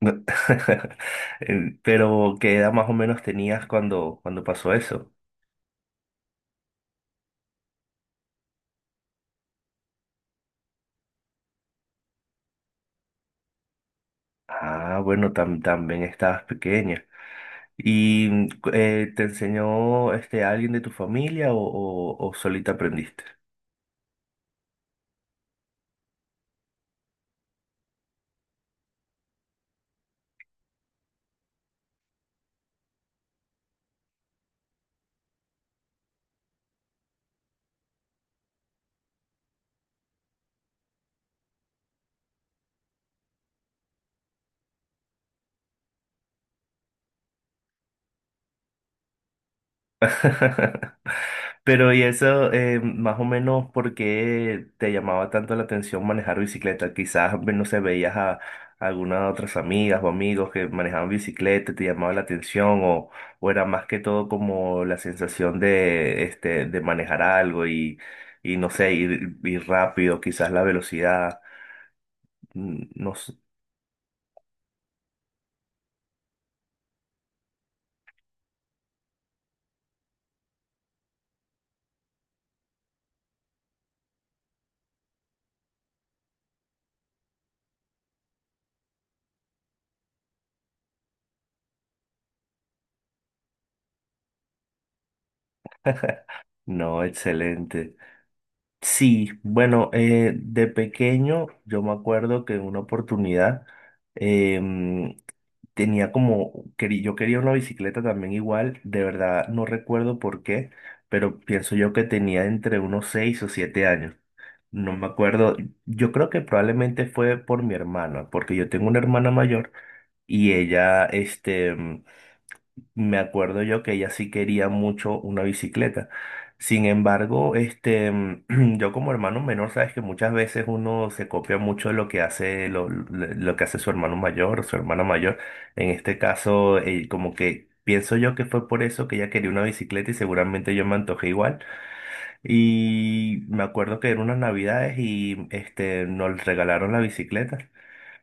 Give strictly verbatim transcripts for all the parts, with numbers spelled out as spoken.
No- Eh, Pero ¿qué edad más o menos tenías cuando, cuando pasó eso? Ah, bueno, tam- también estabas pequeña. ¿Y mm, cu- eh, te enseñó este alguien de tu familia o, o, o solita aprendiste? Pero y eso, eh, más o menos, ¿por qué te llamaba tanto la atención manejar bicicleta? Quizás, ve- no sé, veías a, algunas otras amigas o amigos que manejaban bicicleta, te llamaba la atención o, o era más que todo como la sensación de, este, de manejar algo y, y no sé, ir, ir rápido, quizás la velocidad. Mm, No, s- no, excelente. Sí, bueno, eh, de pequeño yo me acuerdo que en una oportunidad em, tenía como, querí- yo quería una bicicleta también igual, de verdad no recuerdo por qué, pero pienso yo que tenía entre unos seis o siete años. No me acuerdo, yo creo que probablemente fue por mi hermana, porque yo tengo una hermana mayor y ella, este, me acuerdo yo que ella sí quería mucho una bicicleta. Sin embargo, este, yo como hermano menor, sabes que muchas veces uno se copia mucho de lo que hace lo, lo lo que hace su hermano mayor o su hermana mayor. En este caso, eh, como que pienso yo que fue por eso que ella quería una bicicleta y seguramente yo me antojé igual. Y me acuerdo que eran unas navidades y este, nos regalaron la bicicleta.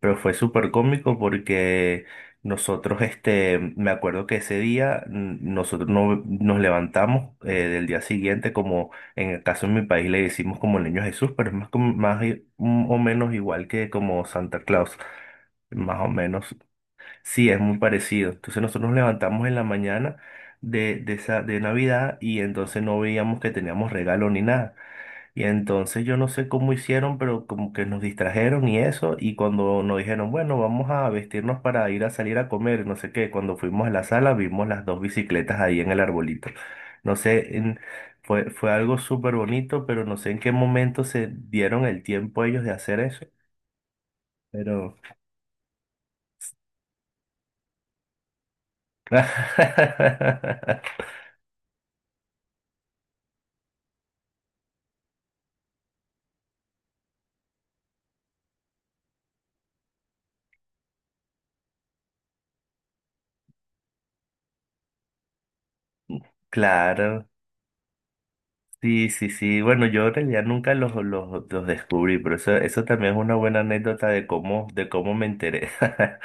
Pero fue súper cómico porque nosotros, este, me acuerdo que ese día mm, nosotros no, nos levantamos eh, del día siguiente, como en el caso de mi país le decimos como el Niño Jesús, pero es más, como- más i- mm, o menos igual que como Santa Claus, más o menos. Sí, es muy parecido. Entonces nosotros nos levantamos en la mañana de, de, esa, de Navidad y entonces no veíamos que teníamos regalo ni nada. Y entonces yo no sé cómo hicieron, pero como que nos distrajeron y eso, y cuando nos dijeron, bueno, vamos a vestirnos para ir a salir a comer, no sé qué, cuando fuimos a la sala vimos las dos bicicletas ahí en el arbolito. No sé, en- fue, fue algo súper bonito, pero no sé en qué momento se dieron el tiempo ellos de hacer eso, pero... Claro, sí, sí, sí. Bueno, yo en realidad nunca los, los, los descubrí, pero eso, eso también es una buena anécdota de cómo, de cómo me enteré.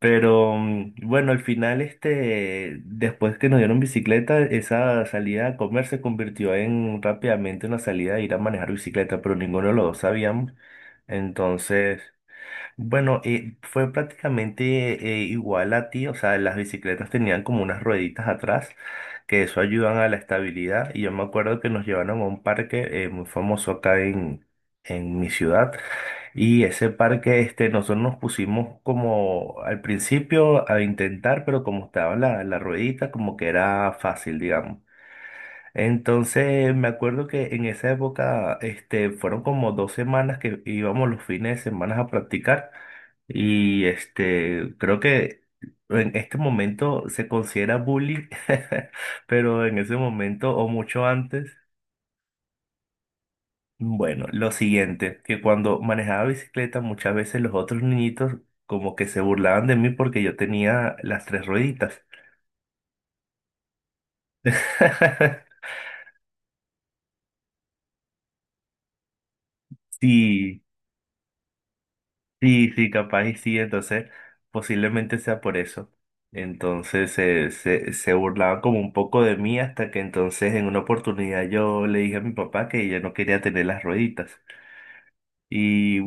Pero mm, bueno, al final, este, después que nos dieron bicicleta, esa salida a comer se convirtió en rápidamente una salida de ir a manejar bicicleta, pero ninguno de los dos sabíamos. Entonces, bueno, eh, fue prácticamente eh, igual a ti, o sea, las bicicletas tenían como unas rueditas atrás, que eso ayudan a la estabilidad, y yo me acuerdo que nos llevaron a un parque eh, muy famoso acá en, en mi ciudad, y ese parque, este, nosotros nos pusimos como al principio a intentar, pero como estaba la, la ruedita, como que era fácil, digamos. Entonces me acuerdo que en esa época, este, fueron como dos semanas que íbamos los fines de semana a practicar. Y este, creo que en este momento se considera bullying, pero en ese momento o mucho antes, bueno, lo siguiente, que cuando manejaba bicicleta muchas veces los otros niñitos como que se burlaban de mí porque yo tenía las tres rueditas. Sí, sí, sí, capaz y sí, entonces posiblemente sea por eso. Entonces se se, se burlaban como un poco de mí hasta que entonces en una oportunidad yo le dije a mi papá que ella no quería tener las rueditas. Y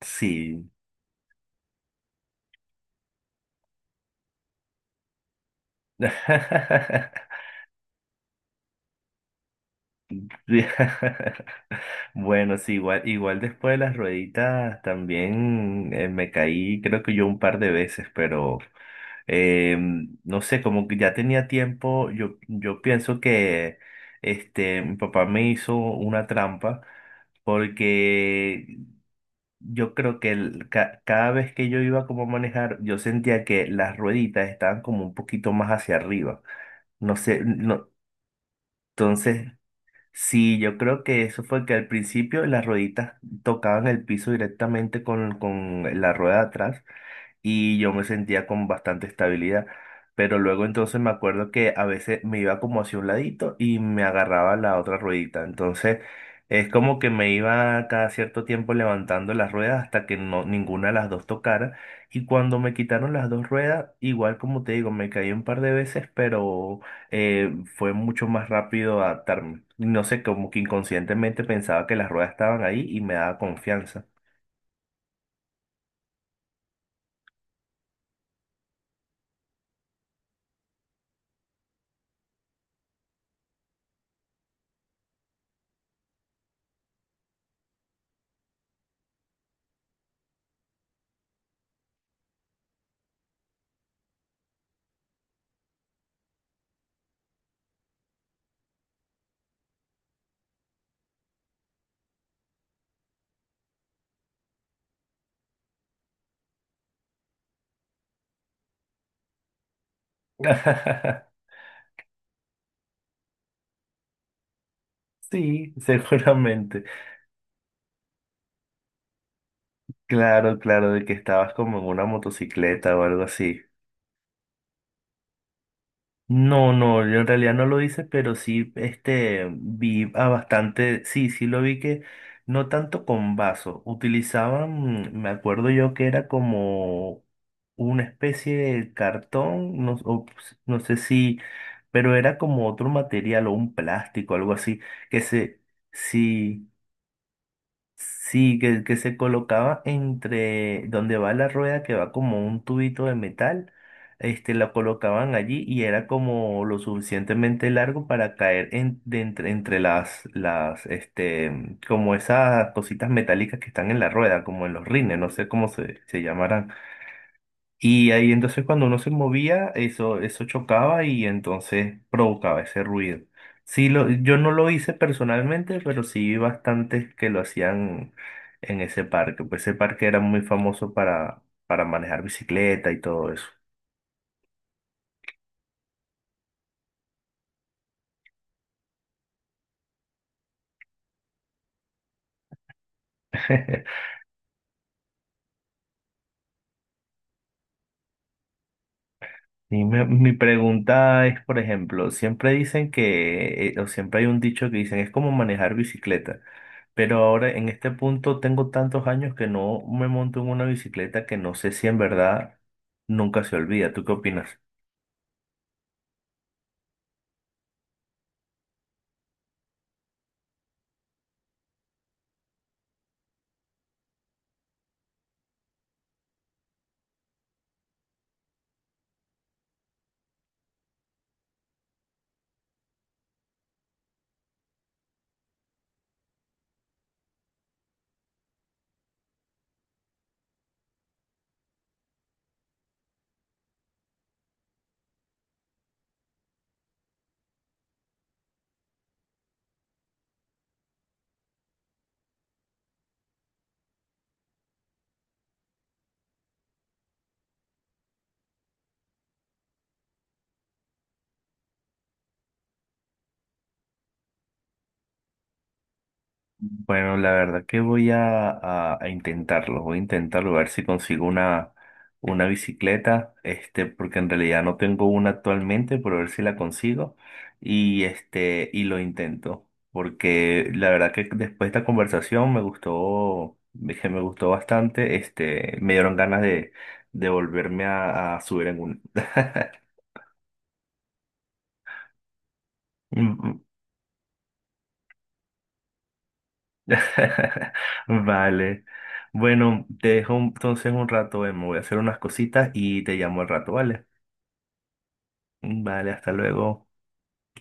sí. Sí. Bueno, sí, igual, igual después de las rueditas también eh, me caí creo que yo un par de veces, pero... Eh, no sé, como que ya tenía tiempo, yo, yo pienso que este, mi papá me hizo una trampa porque yo creo que el- ca- cada vez que yo iba como a manejar, yo sentía que las rueditas estaban como un poquito más hacia arriba. No sé, no, entonces, sí, yo creo que eso fue que al principio las rueditas tocaban el piso directamente con, con la rueda de atrás y yo me sentía con bastante estabilidad. Pero luego entonces me acuerdo que a veces me iba como hacia un ladito y me agarraba la otra ruedita. Entonces es como que me iba cada cierto tiempo levantando las ruedas hasta que no, ninguna de las dos tocara. Y cuando me quitaron las dos ruedas, igual como te digo, me caí un par de veces, pero eh, fue mucho más rápido adaptarme. No sé, como que inconscientemente pensaba que las ruedas estaban ahí y me daba confianza. Sí, seguramente. Claro, claro, de que estabas como en una motocicleta o algo así. No, no, yo en realidad no lo hice, pero sí, este, vi a bastante, sí, sí lo vi que no tanto con vaso, utilizaban, me acuerdo yo que era como una especie de cartón, no, o s- no sé si, pero era como otro material o un plástico, algo así, que se, sí. Sí, que, que se colocaba entre donde va la rueda, que va como un tubito de metal, este, la colocaban allí y era como lo suficientemente largo para caer en, de entre, entre las, las, este, como esas cositas metálicas que están en la rueda, como en los rines, no sé cómo se, se llamarán. Y ahí entonces cuando uno se movía, eso, eso chocaba y entonces provocaba ese ruido. Sí, lo, yo no lo hice personalmente, pero sí vi bastantes que lo hacían en ese parque. Pues ese parque era muy famoso para, para manejar bicicleta y todo eso. Y me- mi pregunta es, por ejemplo, siempre dicen que, eh, o siempre hay un dicho que dicen, es como manejar bicicleta, pero ahora en este punto tengo tantos años que no me monto en una bicicleta que no sé si en verdad nunca se olvida. ¿Tú qué opinas? Bueno, la verdad que voy a, a- a intentarlo, voy a intentarlo, a ver si consigo una, una bicicleta, este, porque en realidad no tengo una actualmente, pero a ver si la consigo y este, y lo intento, porque la verdad que después de esta conversación me gustó, dije, me gustó bastante, este, me dieron ganas de, de volverme a, a subir en una. Vale. Bueno, te dejo entonces un rato, eh, me voy a hacer unas cositas y te llamo al rato, ¿vale? Vale, hasta luego.